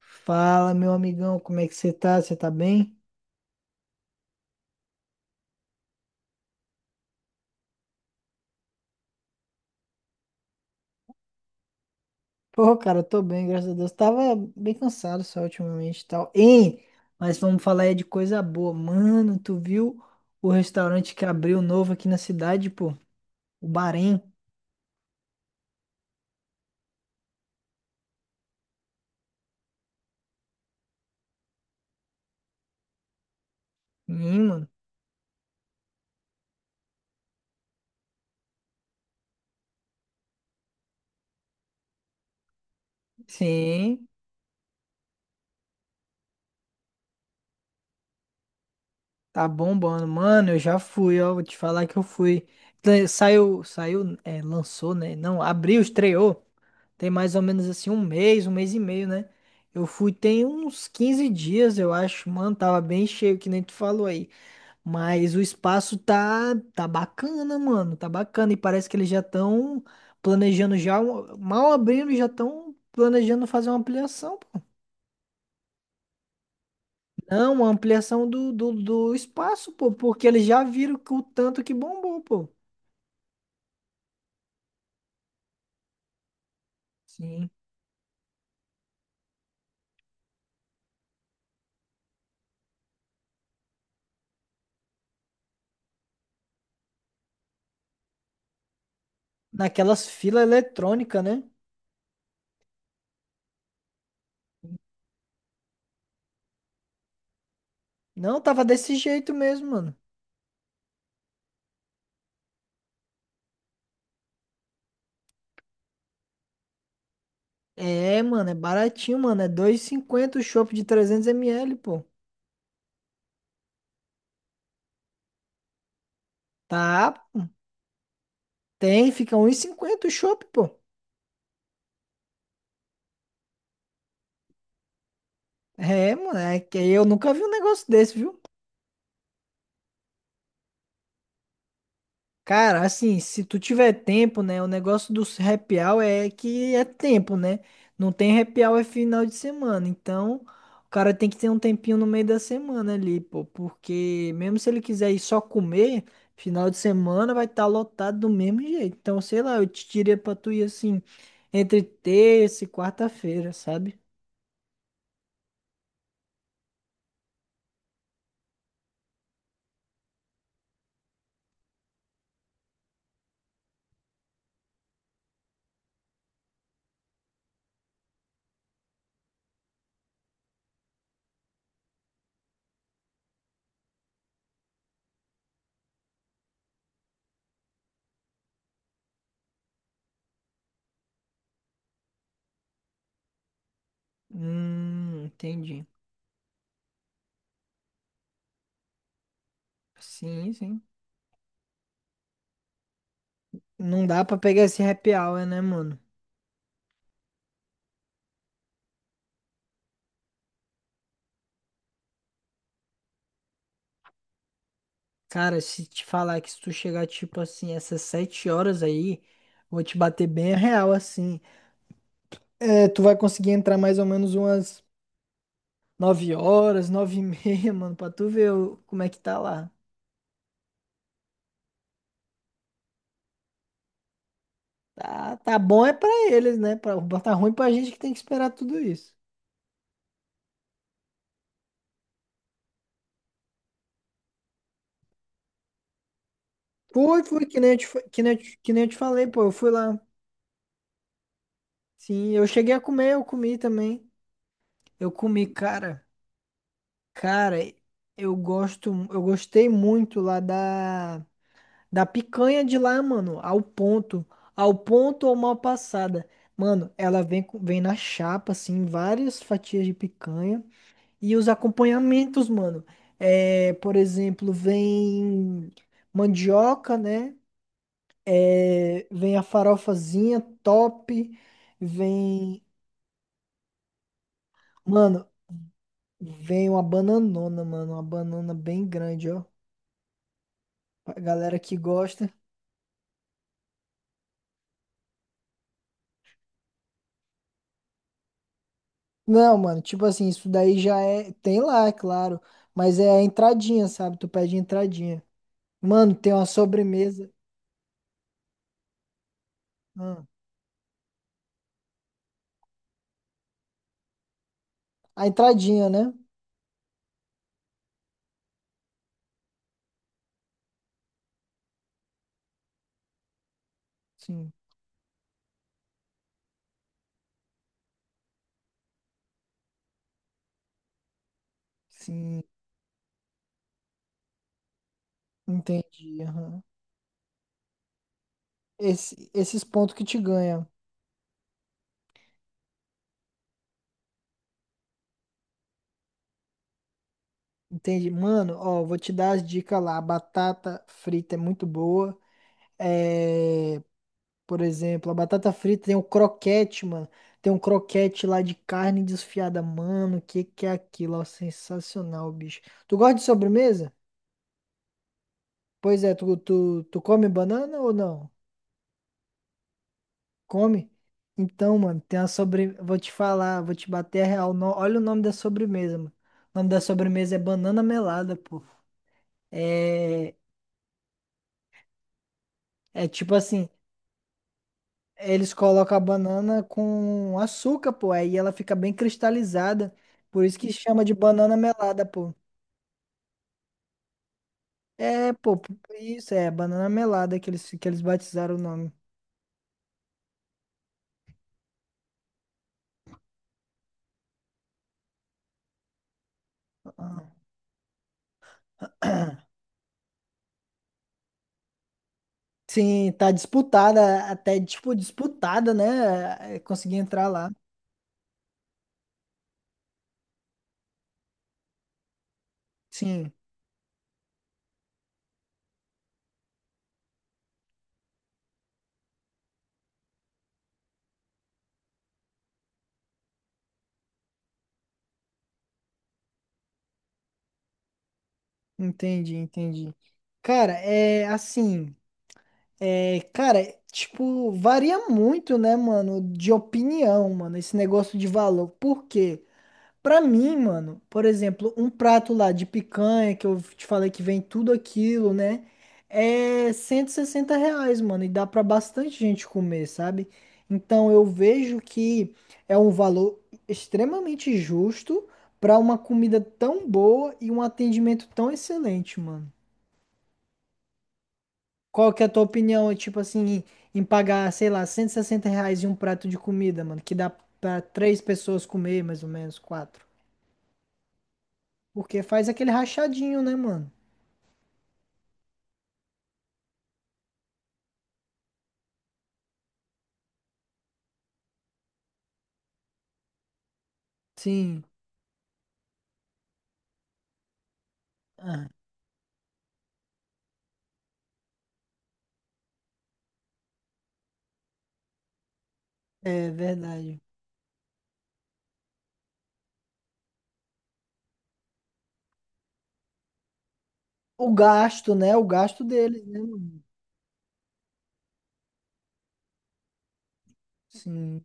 Fala, meu amigão, como é que você tá? Você tá bem? Pô, cara, eu tô bem, graças a Deus. Tava bem cansado só ultimamente e tal. Hein? Mas vamos falar aí de coisa boa. Mano, tu viu o restaurante que abriu novo aqui na cidade, pô? O Bahrein. Sim, mano. Sim, tá bombando. Mano, eu já fui, ó. Vou te falar que eu fui. Saiu, é, lançou, né? Não, abriu, estreou. Tem mais ou menos assim um mês e meio, né? Eu fui tem uns 15 dias, eu acho. Mano, tava bem cheio, que nem tu falou aí. Mas o espaço tá bacana, mano. Tá bacana. E parece que eles já estão planejando já. Mal abrindo, já estão planejando fazer uma ampliação, pô. Não, uma ampliação do espaço, pô. Porque eles já viram que o tanto que bombou, pô. Sim. Naquelas filas eletrônicas, né? Não, tava desse jeito mesmo, mano. É, mano, é baratinho, mano. É 2,50 o chopp de 300 ml, pô. Tá, tem, fica 1,50 o chopp, pô. É, mano, é que eu nunca vi um negócio desse, viu? Cara, assim, se tu tiver tempo, né? O negócio do happy hour é que é tempo, né? Não tem happy hour é final de semana. Então, o cara tem que ter um tempinho no meio da semana ali, pô. Porque mesmo se ele quiser ir só comer, final de semana vai estar lotado do mesmo jeito. Então, sei lá, eu te diria pra tu ir assim, entre terça e quarta-feira, sabe? Entendi. Sim, sim. Não dá pra pegar esse happy hour, né, mano? Cara, se te falar que se tu chegar, tipo assim, essas 7 horas aí, vou te bater bem real, assim. É, tu vai conseguir entrar mais ou menos umas 9 horas, nove e meia, mano, pra tu ver como é que tá lá. Tá, tá bom é pra eles, né? Tá ruim pra gente que tem que esperar tudo isso. Fui, que nem eu te falei, pô, eu fui lá. Sim, eu cheguei a comer, eu comi também. Eu comi, cara, eu gostei muito lá da picanha de lá, mano, ao ponto. Ao ponto ou mal passada. Mano, ela vem na chapa, assim, várias fatias de picanha. E os acompanhamentos, mano. É, por exemplo, vem mandioca, né? É, vem a farofazinha top. Vem. Mano, vem uma bananona, mano. Uma banana bem grande, ó. Pra galera que gosta. Não, mano, tipo assim, isso daí já é. Tem lá, é claro. Mas é a entradinha, sabe? Tu pede entradinha. Mano, tem uma sobremesa. Ah, a entradinha, né? Sim, sim, entendi. Aham. Esses pontos que te ganha. Entendi. Mano, ó, vou te dar as dicas lá. A batata frita é muito boa. É, por exemplo, a batata frita tem o croquete, mano. Tem um croquete lá de carne desfiada, mano. O que que é aquilo? Ó, sensacional, bicho. Tu gosta de sobremesa? Pois é, tu come banana ou não? Come? Então, mano, tem vou te falar, vou te bater a real. Olha o nome da sobremesa, mano. O nome da sobremesa é banana melada, pô. É, é, tipo assim, eles colocam a banana com açúcar, pô, aí ela fica bem cristalizada. Por isso que chama de banana melada, pô. É, pô, isso é banana melada que eles batizaram o nome. Ah. Sim, tá disputada, até tipo disputada, né? É, consegui entrar lá. Sim, entendi, entendi. Cara, é assim, cara, tipo, varia muito, né, mano, de opinião, mano, esse negócio de valor. Por quê? Pra mim, mano, por exemplo, um prato lá de picanha, que eu te falei que vem tudo aquilo, né? É 160 reais, mano, e dá pra bastante gente comer, sabe? Então eu vejo que é um valor extremamente justo pra uma comida tão boa e um atendimento tão excelente, mano. Qual que é a tua opinião, tipo assim, em pagar, sei lá, R$ 160 em um prato de comida, mano, que dá pra três pessoas comer, mais ou menos, quatro? Porque faz aquele rachadinho, né, mano? Sim. Ah, é verdade. O gasto, né? O gasto deles, né, mano? Sim.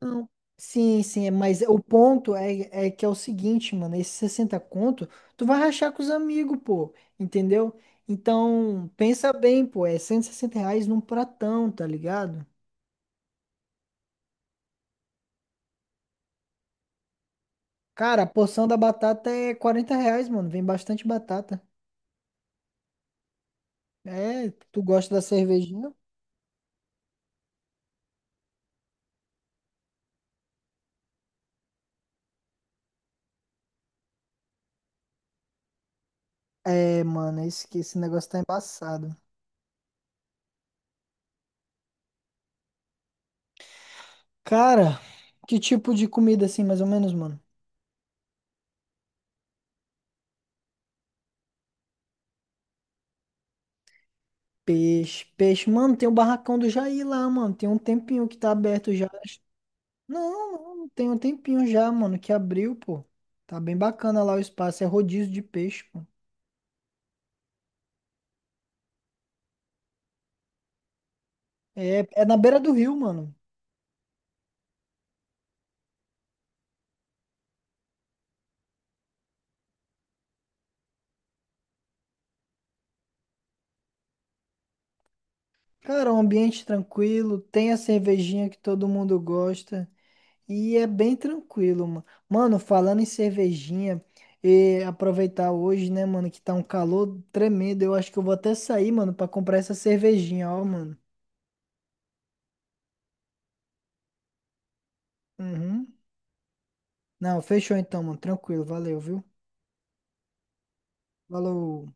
Não. Sim, sim, mas o ponto é que é o seguinte, mano, esse 60 conto, tu vai rachar com os amigos, pô, entendeu? Então, pensa bem, pô, é R$ 160 num pratão, tá ligado? Cara, a porção da batata é R$ 40, mano, vem bastante batata. É, tu gosta da cervejinha? É, mano, esse negócio tá embaçado. Cara, que tipo de comida assim, mais ou menos, mano? Peixe, peixe. Mano, tem o barracão do Jair lá, mano. Tem um tempinho que tá aberto já. Não, não, tem um tempinho já, mano, que abriu, pô. Tá bem bacana lá o espaço. É rodízio de peixe, pô. É, na beira do rio, mano. Cara, um ambiente tranquilo. Tem a cervejinha que todo mundo gosta. E é bem tranquilo, mano. Mano, falando em cervejinha, e aproveitar hoje, né, mano, que tá um calor tremendo. Eu acho que eu vou até sair, mano, pra comprar essa cervejinha, ó, mano. Uhum. Não, fechou então, mano. Tranquilo, valeu, viu? Falou.